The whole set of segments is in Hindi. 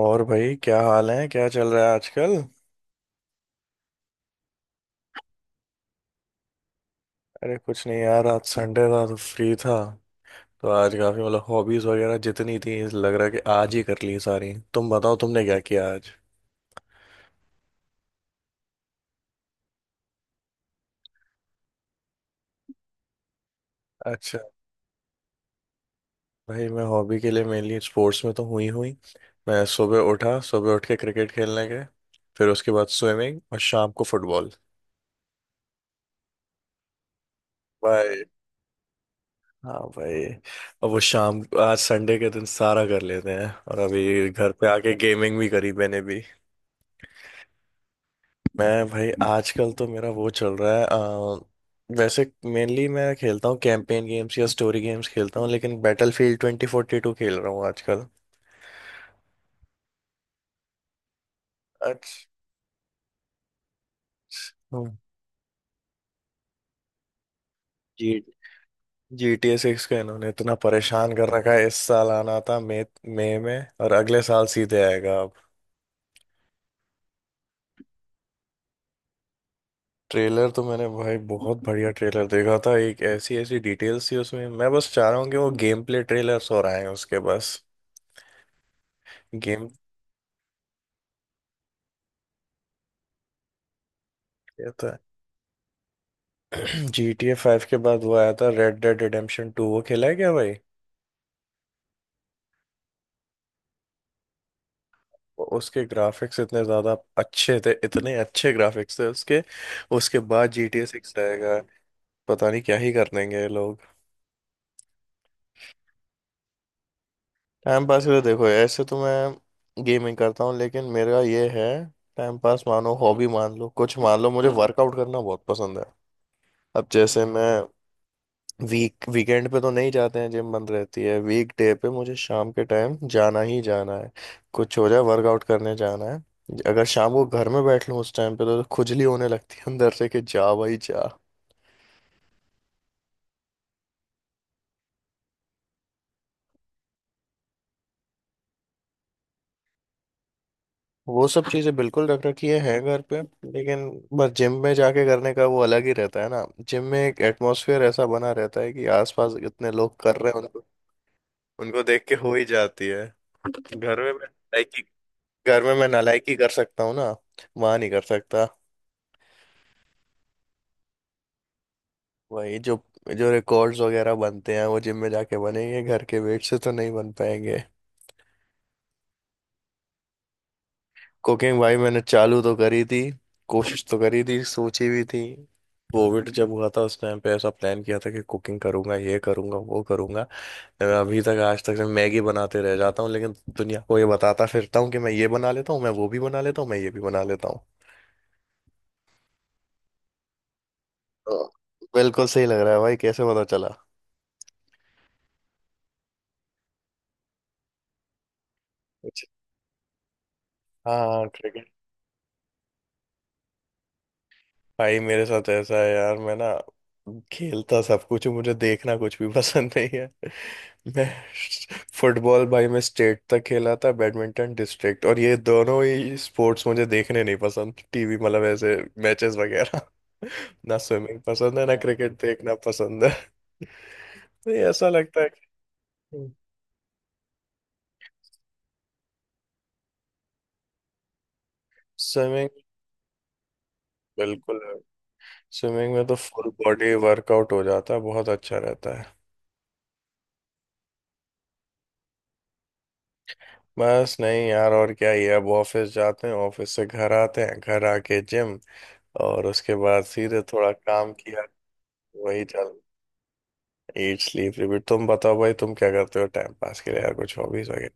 और भाई, क्या हाल है? क्या चल रहा है आजकल? अरे कुछ नहीं यार, आज संडे था तो फ्री था। तो आज काफी, मतलब हॉबीज वगैरह जितनी थी, लग रहा है कि आज ही कर ली सारी। तुम बताओ, तुमने क्या किया आज? अच्छा। भाई मैं हॉबी के लिए मेनली स्पोर्ट्स में तो हुई हुई मैं सुबह उठा सुबह उठ के क्रिकेट खेलने गए। फिर उसके बाद स्विमिंग, और शाम को फुटबॉल। भाई। हाँ भाई। अब वो शाम आज संडे के दिन सारा कर लेते हैं। और अभी घर पे आके गेमिंग भी करी मैंने भी। मैं भाई आजकल तो मेरा वो चल रहा है, वैसे मेनली मैं खेलता हूँ कैंपेन गेम्स या स्टोरी गेम्स खेलता हूँ, लेकिन बैटलफील्ड 2042 खेल रहा हूँ आजकल। अच्छा। जी। जी टी ए सिक्स का इन्होंने इतना परेशान कर रखा है, इस साल आना था मई मई में, और अगले साल सीधे आएगा अब। ट्रेलर तो मैंने भाई बहुत बढ़िया ट्रेलर देखा था, एक ऐसी ऐसी डिटेल्स थी उसमें। मैं बस चाह रहा हूँ कि वो गेम प्ले ट्रेलर्स और आए उसके बस। Game. G T A five के बाद वो आया था रेड डेड रिडेम्पशन टू, वो खेला है क्या भाई? उसके ग्राफिक्स इतने ज़्यादा अच्छे थे, इतने अच्छे ग्राफिक्स थे उसके। उसके बाद जी टी ए सिक्स आएगा। पता नहीं क्या ही कर देंगे ये लोग। टाइम पास के लिए देखो, ऐसे तो मैं गेमिंग करता हूँ, लेकिन मेरा ये है। टाइम पास मानो, हॉबी मान लो, कुछ मान लो, मुझे वर्कआउट करना बहुत पसंद है। अब जैसे मैं। वीकेंड पे तो नहीं जाते हैं, जिम बंद रहती है। वीक डे पे मुझे शाम के टाइम जाना ही जाना है। कुछ हो जाए, वर्कआउट करने जाना है। अगर शाम को घर में बैठ लूँ उस टाइम पे, तो खुजली होने लगती है अंदर से कि जा भाई जा। वो सब चीज़ें बिल्कुल रख रखी हैं घर पे। लेकिन। बस जिम में जाके करने का वो अलग ही रहता है ना, जिम में एक एटमॉस्फेयर ऐसा बना रहता है कि आसपास इतने लोग कर रहे हैं, उनको उनको देख के हो ही जाती है। घर में मैं नालायकी घर में मैं नालायकी कर सकता हूँ ना। वहां नहीं कर सकता। वही जो जो रिकॉर्ड्स वगैरह बनते हैं वो जिम में जाके बनेंगे, घर के वेट से तो नहीं बन पाएंगे। कुकिंग भाई, मैंने चालू तो करी थी। कोशिश तो करी थी, सोची भी थी। कोविड जब हुआ था उस टाइम पे, ऐसा प्लान किया था कि कुकिंग करूंगा, ये करूंगा, वो करूंगा। मैं अभी तक, आज तक मैं मैगी बनाते रह जाता हूँ, लेकिन दुनिया को ये बताता फिरता हूँ कि मैं ये बना लेता हूँ, मैं वो भी बना लेता हूँ, मैं ये भी बना लेता हूँ। तो बिल्कुल सही लग रहा है भाई, कैसे पता चला? अच्छा। हाँ, क्रिकेट। भाई मेरे साथ ऐसा है यार, मैं ना। खेलता सब कुछ हूँ, मुझे देखना कुछ भी पसंद नहीं है। मैं। फुटबॉल भाई मैं स्टेट तक खेला था, बैडमिंटन डिस्ट्रिक्ट, और ये दोनों ही स्पोर्ट्स मुझे देखने नहीं पसंद, टीवी मतलब ऐसे मैचेस वगैरह। ना स्विमिंग पसंद है, ना क्रिकेट देखना पसंद है। तो ये ऐसा लगता है। कि। स्विमिंग। बिल्कुल। स्विमिंग में तो फुल बॉडी वर्कआउट हो जाता है, बहुत अच्छा रहता है। बस नहीं यार, और क्या ही है? अब ऑफिस जाते हैं, ऑफिस से घर आते हैं, घर आके जिम। और उसके बाद सीधे थोड़ा काम किया। वही चल। Eat sleep repeat. तुम बताओ भाई, तुम क्या करते हो टाइम पास के लिए यार, कुछ हॉबीज वगैरह?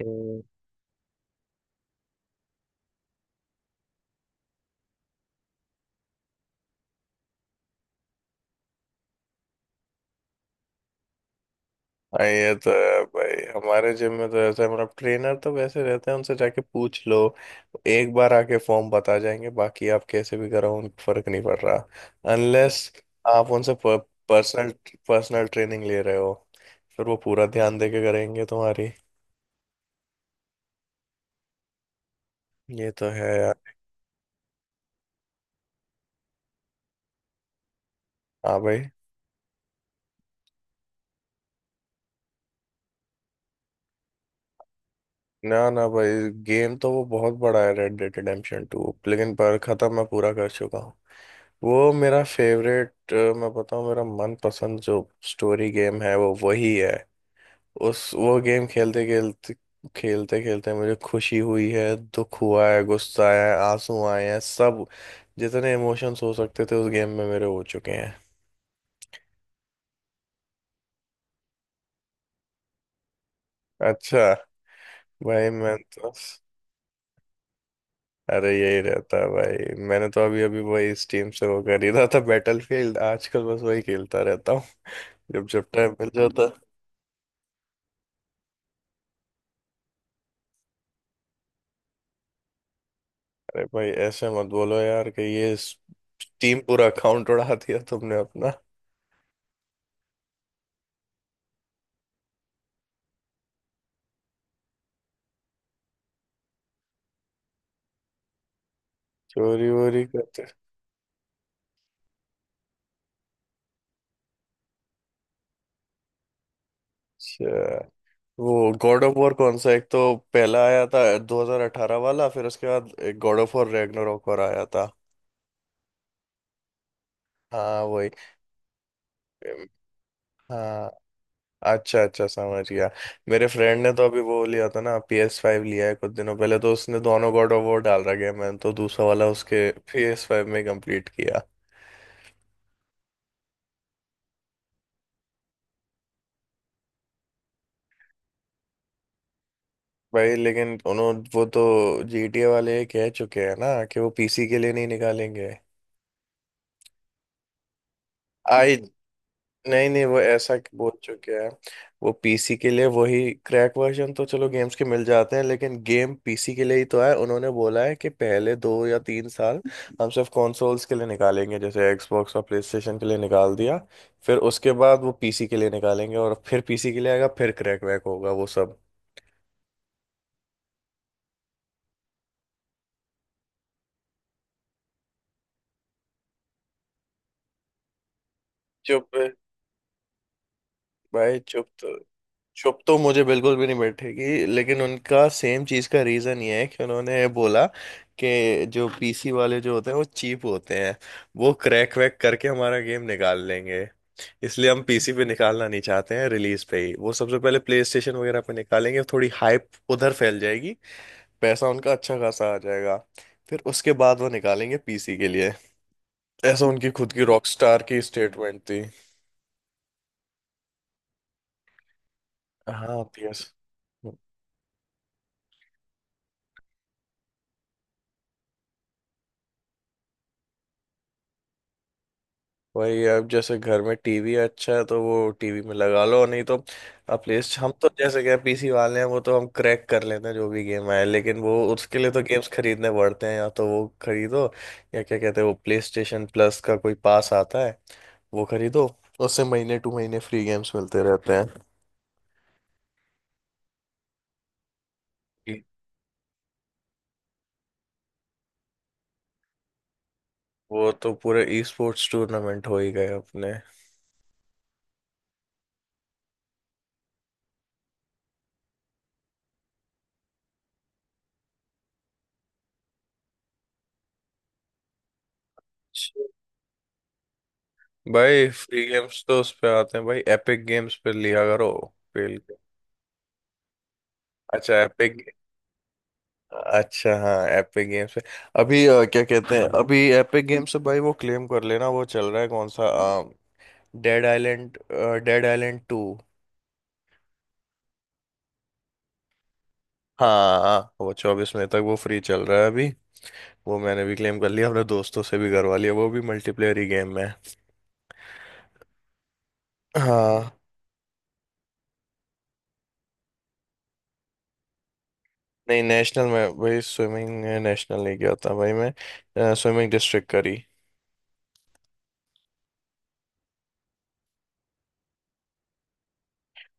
हम्म। हाँ, ये तो है भाई, हमारे जिम में तो ऐसा है मतलब, ट्रेनर तो वैसे रहते हैं, उनसे जाके पूछ लो। एक बार आके फॉर्म बता जाएंगे, बाकी आप कैसे भी कराओ, उनको फर्क नहीं पड़ रहा। अनलेस आप उनसे पर्सनल पर्सनल ट्रेनिंग ले रहे हो। फिर वो पूरा ध्यान दे के करेंगे तुम्हारी। ये तो है यार। हाँ भाई। ना ना भाई, गेम तो वो बहुत बड़ा है रेड डेड रिडेम्पशन 2, लेकिन पर खत्म मैं पूरा कर चुका हूँ। वो मेरा फेवरेट। मैं बताऊँ मेरा मनपसंद जो स्टोरी गेम है वो वही है। उस वो गेम खेलते खेलते मुझे खुशी हुई है। दुख हुआ है, गुस्सा आया है, आंसू आए हैं सब। जितने इमोशंस हो सकते थे उस गेम में मेरे हो चुके हैं। अच्छा। भाई मैं तो। अरे यही रहता है भाई, मैंने तो अभी अभी वही स्टीम से वो खरीदा था बैटलफील्ड, आजकल बस वही खेलता रहता हूँ। जब जब टाइम मिल जाता है। अरे भाई ऐसे मत बोलो यार कि ये स्टीम पूरा अकाउंट उड़ा दिया तुमने अपना। चोरी वोरी करते। अच्छा। वो गॉड ऑफ वॉर कौन सा? एक तो पहला आया था 2018 वाला, फिर उसके बाद एक गॉड ऑफ वॉर रैग्नारोक और आया था। हाँ वही। हाँ। अच्छा अच्छा, समझ गया। मेरे फ्रेंड ने तो अभी वो लिया था ना PS5 फाइव, लिया है कुछ दिनों पहले, तो उसने दोनों गॉड ऑफ वॉर डाल रखे हैं, मैंने तो दूसरा वाला उसके PS5 फाइव में कंप्लीट किया। भाई लेकिन उन्होंने वो तो GTA वाले कह चुके हैं ना कि वो पीसी के लिए नहीं निकालेंगे। आई। नहीं नहीं, वो ऐसा बोल चुके हैं। वो पीसी के लिए वही क्रैक वर्जन तो चलो गेम्स के मिल जाते हैं, लेकिन गेम पीसी के लिए ही तो है, उन्होंने बोला है कि पहले 2 या 3 साल हम सिर्फ कंसोल्स के लिए निकालेंगे, जैसे एक्सबॉक्स और प्लेस्टेशन के लिए निकाल दिया। फिर उसके बाद वो पीसी के लिए निकालेंगे, और फिर पीसी के लिए आएगा, फिर क्रैक वैक होगा वो सब। चुप भाई चुप तो चुप तो मुझे बिल्कुल भी नहीं बैठेगी, लेकिन उनका सेम चीज का रीजन ये है कि उन्होंने बोला कि जो पीसी वाले जो होते हैं वो चीप होते हैं, वो क्रैक वैक करके हमारा गेम निकाल लेंगे, इसलिए हम पीसी पे निकालना नहीं चाहते हैं। रिलीज पे ही वो सबसे पहले प्ले स्टेशन वगैरह पे निकालेंगे, थोड़ी हाइप उधर फैल जाएगी, पैसा उनका अच्छा खासा आ जाएगा, फिर उसके बाद वो निकालेंगे पीसी के लिए। ऐसा उनकी खुद की रॉकस्टार की स्टेटमेंट थी। हाँ पीएस। वही अब जैसे घर में टीवी अच्छा है तो वो टीवी में लगा लो, नहीं तो। अब प्ले हम तो जैसे क्या पीसी वाले हैं, वो तो हम क्रैक कर लेते हैं जो भी गेम आए, लेकिन वो उसके लिए तो गेम्स खरीदने पड़ते हैं, या तो वो खरीदो, या क्या कहते हैं, वो प्ले स्टेशन प्लस का कोई पास आता है, वो खरीदो, उससे महीने टू महीने फ्री गेम्स मिलते रहते हैं। जी। वो तो पूरे ई स्पोर्ट्स टूर्नामेंट हो ही गए अपने। अच्छा। भाई फ्री गेम्स तो उस पे आते हैं भाई, एपिक गेम्स पे लिया करो खेल के। अच्छा एपिक। अच्छा हाँ, एपिक गेम्स पे अभी क्या कहते हैं, हाँ अभी एपिक गेम्स से भाई वो क्लेम कर लेना, वो चल रहा है कौन सा? Dead Island. Dead Island two. हाँ हाँ, वो 24 मई तक वो फ्री चल रहा है अभी। वो मैंने भी क्लेम कर लिया, अपने दोस्तों से भी करवा लिया, वो भी मल्टीप्लेयर ही गेम है। हाँ। नहीं नेशनल में भाई, स्विमिंग नेशनल नहीं गया था भाई मैं, स्विमिंग डिस्ट्रिक्ट करी।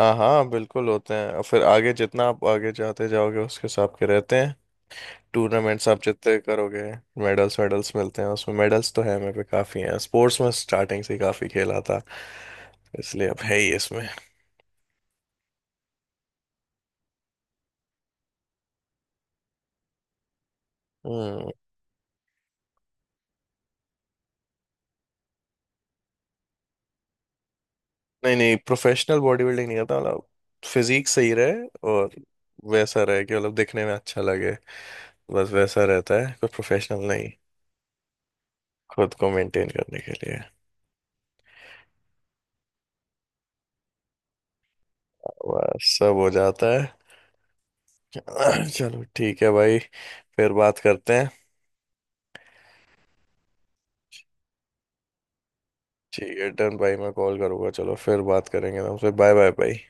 हाँ हाँ, बिल्कुल होते हैं, और फिर आगे जितना आप आगे जाते जाओगे उसके हिसाब के रहते हैं। टूर्नामेंट्स आप जितने करोगे मेडल्स, मेडल्स मिलते हैं उसमें। मेडल्स तो है मेरे पे काफ़ी हैं, स्पोर्ट्स में स्टार्टिंग से ही काफ़ी खेला था, इसलिए अब है ही इसमें। हम्म। नहीं नहीं, प्रोफेशनल बॉडी बिल्डिंग नहीं करता मतलब फिजिक सही रहे, और वैसा रहे कि मतलब दिखने में अच्छा लगे, बस वैसा रहता है, कोई प्रोफेशनल नहीं। खुद को मेंटेन करने के लिए बस सब हो जाता है। चलो ठीक है भाई, फिर बात करते हैं। ठीक है डन भाई, मैं कॉल करूँगा, चलो फिर बात करेंगे तुमसे, बाय बाय भाई।